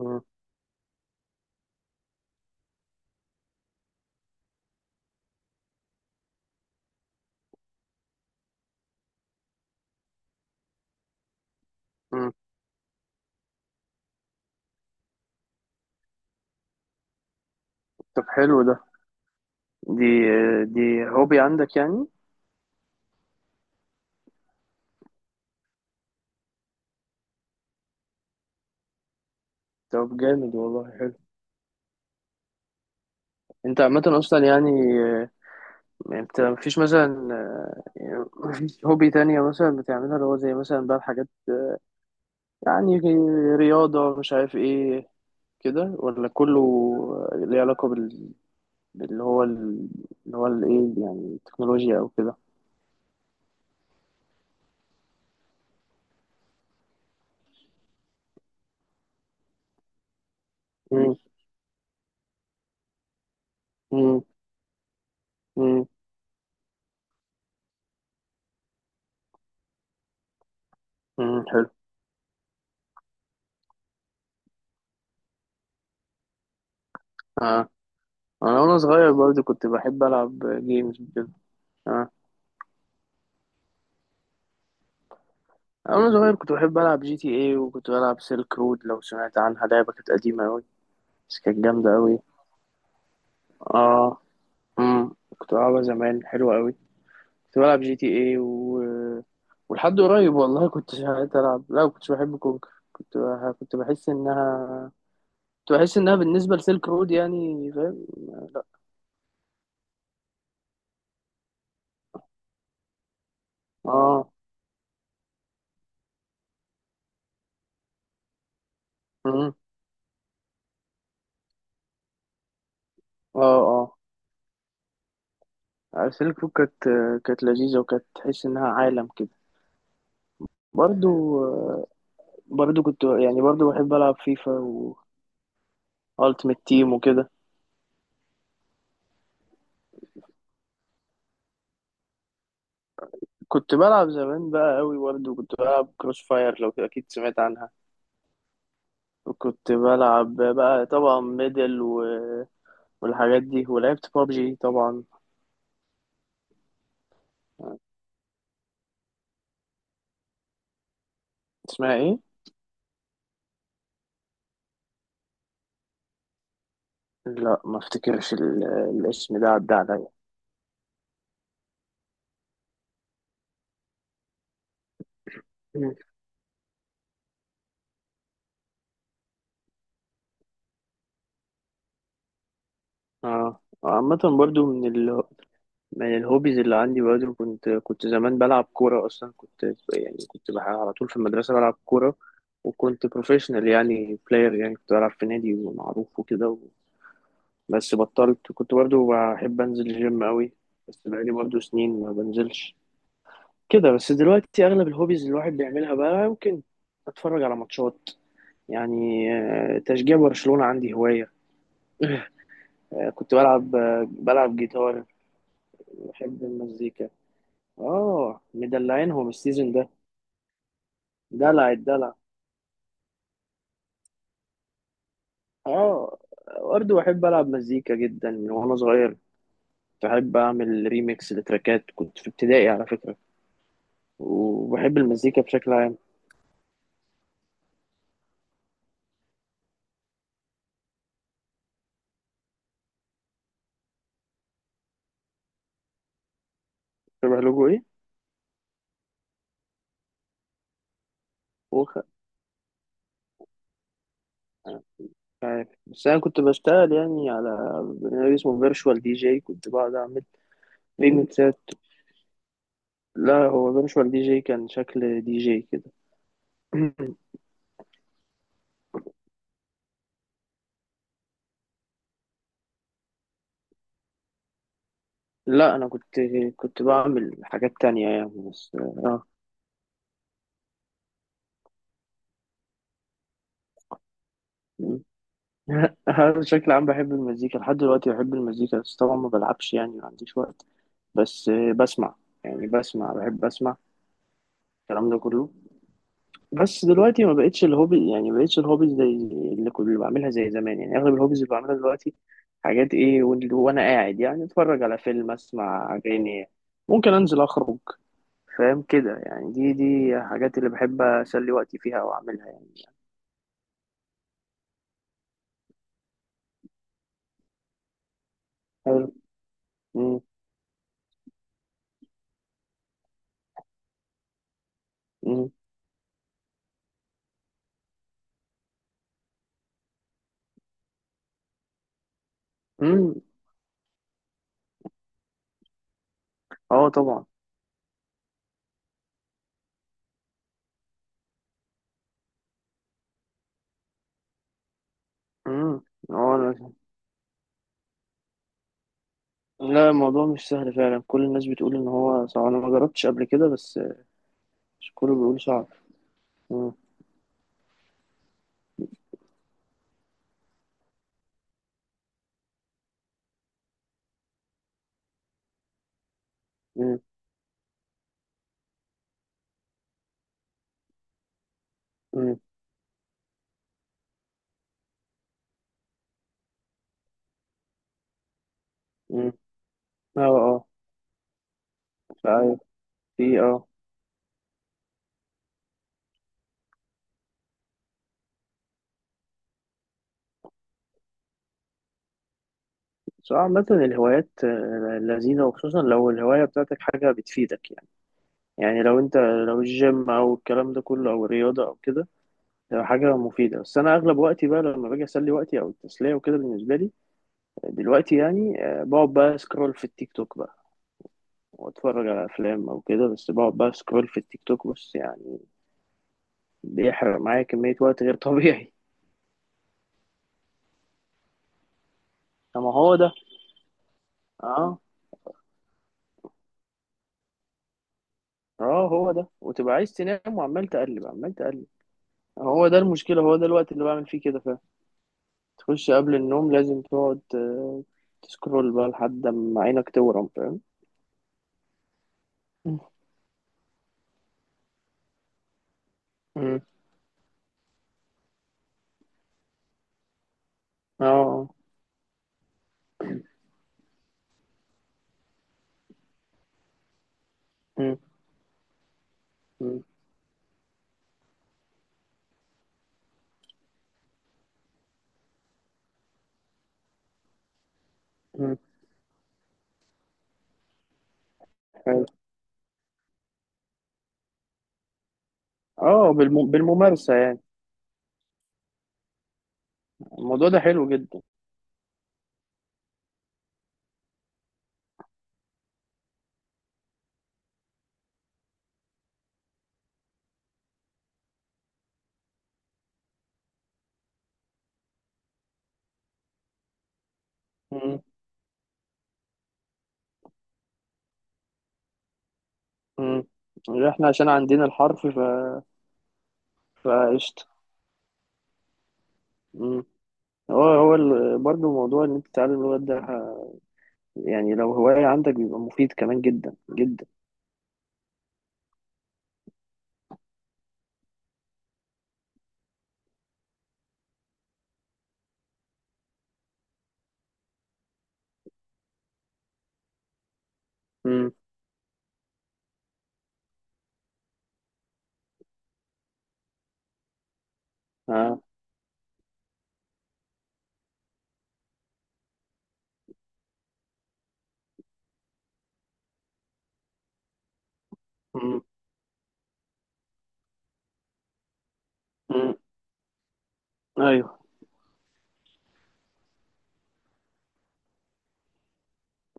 مم. مم. طب، حلو ده. دي دي هوبي عندك يعني؟ طب جامد، والله حلو. انت عامة اصلا يعني، آه، انت مفيش مثلا يعني مفيش هوبي تانية مثلا بتعملها، اللي هو زي مثلا بقى الحاجات يعني، رياضة مش عارف ايه كده، ولا كله ليه علاقة بال... باللي هو ال- اللي هو الايه يعني التكنولوجيا او كده؟ مم. مم. مم. مم. حلو. اه، انا وانا صغير برضه كنت بحب العب جيمز وكده. آه. أنا صغير كنت بحب ألعب جي تي اي، وكنت بلعب سيلك رود، لو سمعت عنها، لعبة كانت قديمة أوي، بس كانت جامدة أوي. اه، كنت بلعبها زمان، حلوة أوي. كنت بلعب جي تي اي ولحد قريب والله كنت ساعات ألعب. لا، كنتش بحب كونكر، كنت بحس إنها، بالنسبة لسيلك رود يعني، فاهم؟ لا. اه. امم اه، اه، سيلك رود كانت، كانت لذيذة، وكانت تحس إنها عالم كده. برضو برضو كنت يعني، برضو بحب ألعب فيفا. التيمت تيم وكده. كنت بلعب زمان بقى قوي، برضه كنت بلعب كروس فاير، لو اكيد سمعت عنها. وكنت بلعب بقى طبعا ميدل والحاجات دي، ولعبت بابجي طبعا. اسمها ايه؟ لا، ما افتكرش الاسم ده، عدى عليا. مم. اه، عامة برضو من الهوبيز اللي عندي، برضو كنت زمان بلعب كورة، أصلا كنت يعني، على طول في المدرسة بلعب كورة. وكنت بروفيشنال يعني، بلاير يعني، كنت بلعب في نادي معروف وكده. بس بطلت. كنت برضو بحب انزل الجيم قوي، بس بقالي برضو سنين ما بنزلش كده. بس دلوقتي اغلب الهوبيز اللي الواحد بيعملها بقى، ممكن اتفرج على ماتشات يعني، تشجيع برشلونة عندي هواية. آه، كنت بلعب آه، بلعب جيتار. بحب المزيكا. اه، مدلعينهم السيزون ده. دلع الدلع. اه، برضه بحب العب مزيكا جدا من وانا صغير. بحب اعمل ريميكس لتراكات، كنت في ابتدائي على فكرة. وبحب المزيكا بشكل عام. شبه لكم. وخ... عارف، بس انا كنت بشتغل يعني على برنامج اسمه فيرتشوال دي جي، كنت بقعد اعمل بيجمنتات. لا، هو فيرتشوال دي جي كان شكل دي جي كده. لا، انا كنت بعمل حاجات تانية يعني، بس اه. م. أنا بشكل عام بحب المزيكا لحد دلوقتي، بحب المزيكا، بس طبعا ما بلعبش يعني، ما عنديش وقت. بس بسمع يعني، بسمع، بحب اسمع الكلام ده كله. بس دلوقتي ما بقتش الهوبي يعني، ما بقتش الهوبيز زي اللي بعملها زي زمان يعني. اغلب الهوبيز اللي بعملها دلوقتي حاجات ايه وانا قاعد يعني، اتفرج على فيلم، اسمع اغاني، ممكن انزل اخرج، فاهم كده يعني. دي حاجات اللي بحب اسلي وقتي فيها او اعملها يعني. حلو. مم. مم. مم. اه، طبعا. مم. اه، لا، الموضوع مش سهل فعلا، كل الناس بتقول ان هو صعب. انا ما جربتش قبل كده بس. مش كله بيقول صعب. مم. مم. مم. مم. اه، اه، في، بس عامة الهوايات لذيذة، وخصوصا لو الهواية بتاعتك حاجة بتفيدك يعني لو الجيم او الكلام ده كله او الرياضة او كده، ده حاجة مفيدة. بس انا اغلب وقتي بقى لما باجي اسلي وقتي او التسلية وكده، بالنسبة لي دلوقتي يعني، بقعد بقى سكرول في التيك توك بقى، واتفرج على افلام او كده، بس بقعد بقى سكرول في التيك توك بس يعني، بيحرق معايا كمية وقت غير طبيعي. طب ما هو ده. اه، اه، هو ده. وتبقى عايز تنام وعمال تقلب عمال تقلب. هو ده المشكلة، هو ده الوقت اللي بعمل فيه كده فعلا. تخش قبل النوم لازم تقعد تسكرول بقى لحد ما عينك تورم، فاهم. مم. مم. اه. مم. مم. مم. حلو. اه، بالممارسة يعني. الموضوع ده حلو جدا. مم. مم. احنا عشان عندنا الحرف، فقشطة. مم. هو برضه موضوع ان انت تتعلم اللغات ده، يعني لو هواية عندك بيبقى مفيد كمان جدا جدا. مم. اه. مم. مم. ايوه.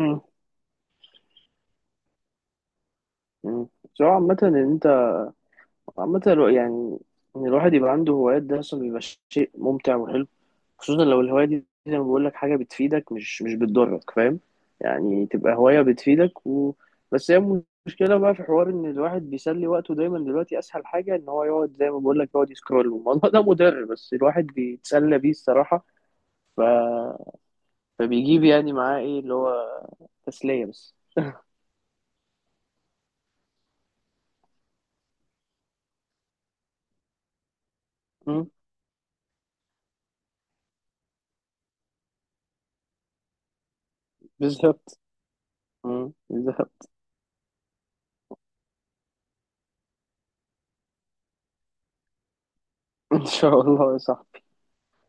مم. مم. سواء عامة ان انت، عامة يعني، إن الواحد يبقى عنده هوايات ده أصلا بيبقى شيء ممتع وحلو، خصوصا لو الهواية دي زي ما بقول لك حاجة بتفيدك، مش بتضرك، فاهم. يعني تبقى هواية بتفيدك بس هي المشكلة بقى في حوار إن الواحد بيسلي وقته دايما. دلوقتي أسهل حاجة إن هو يقعد زي ما بقول لك، يقعد يسكرول، والموضوع ده مضر بس الواحد بيتسلى بيه، الصراحة. ف... فبيجيب يعني معاه إيه اللي هو تسلية بس. مم. بالظبط. مم. بالظبط. إن شاء الله، صح.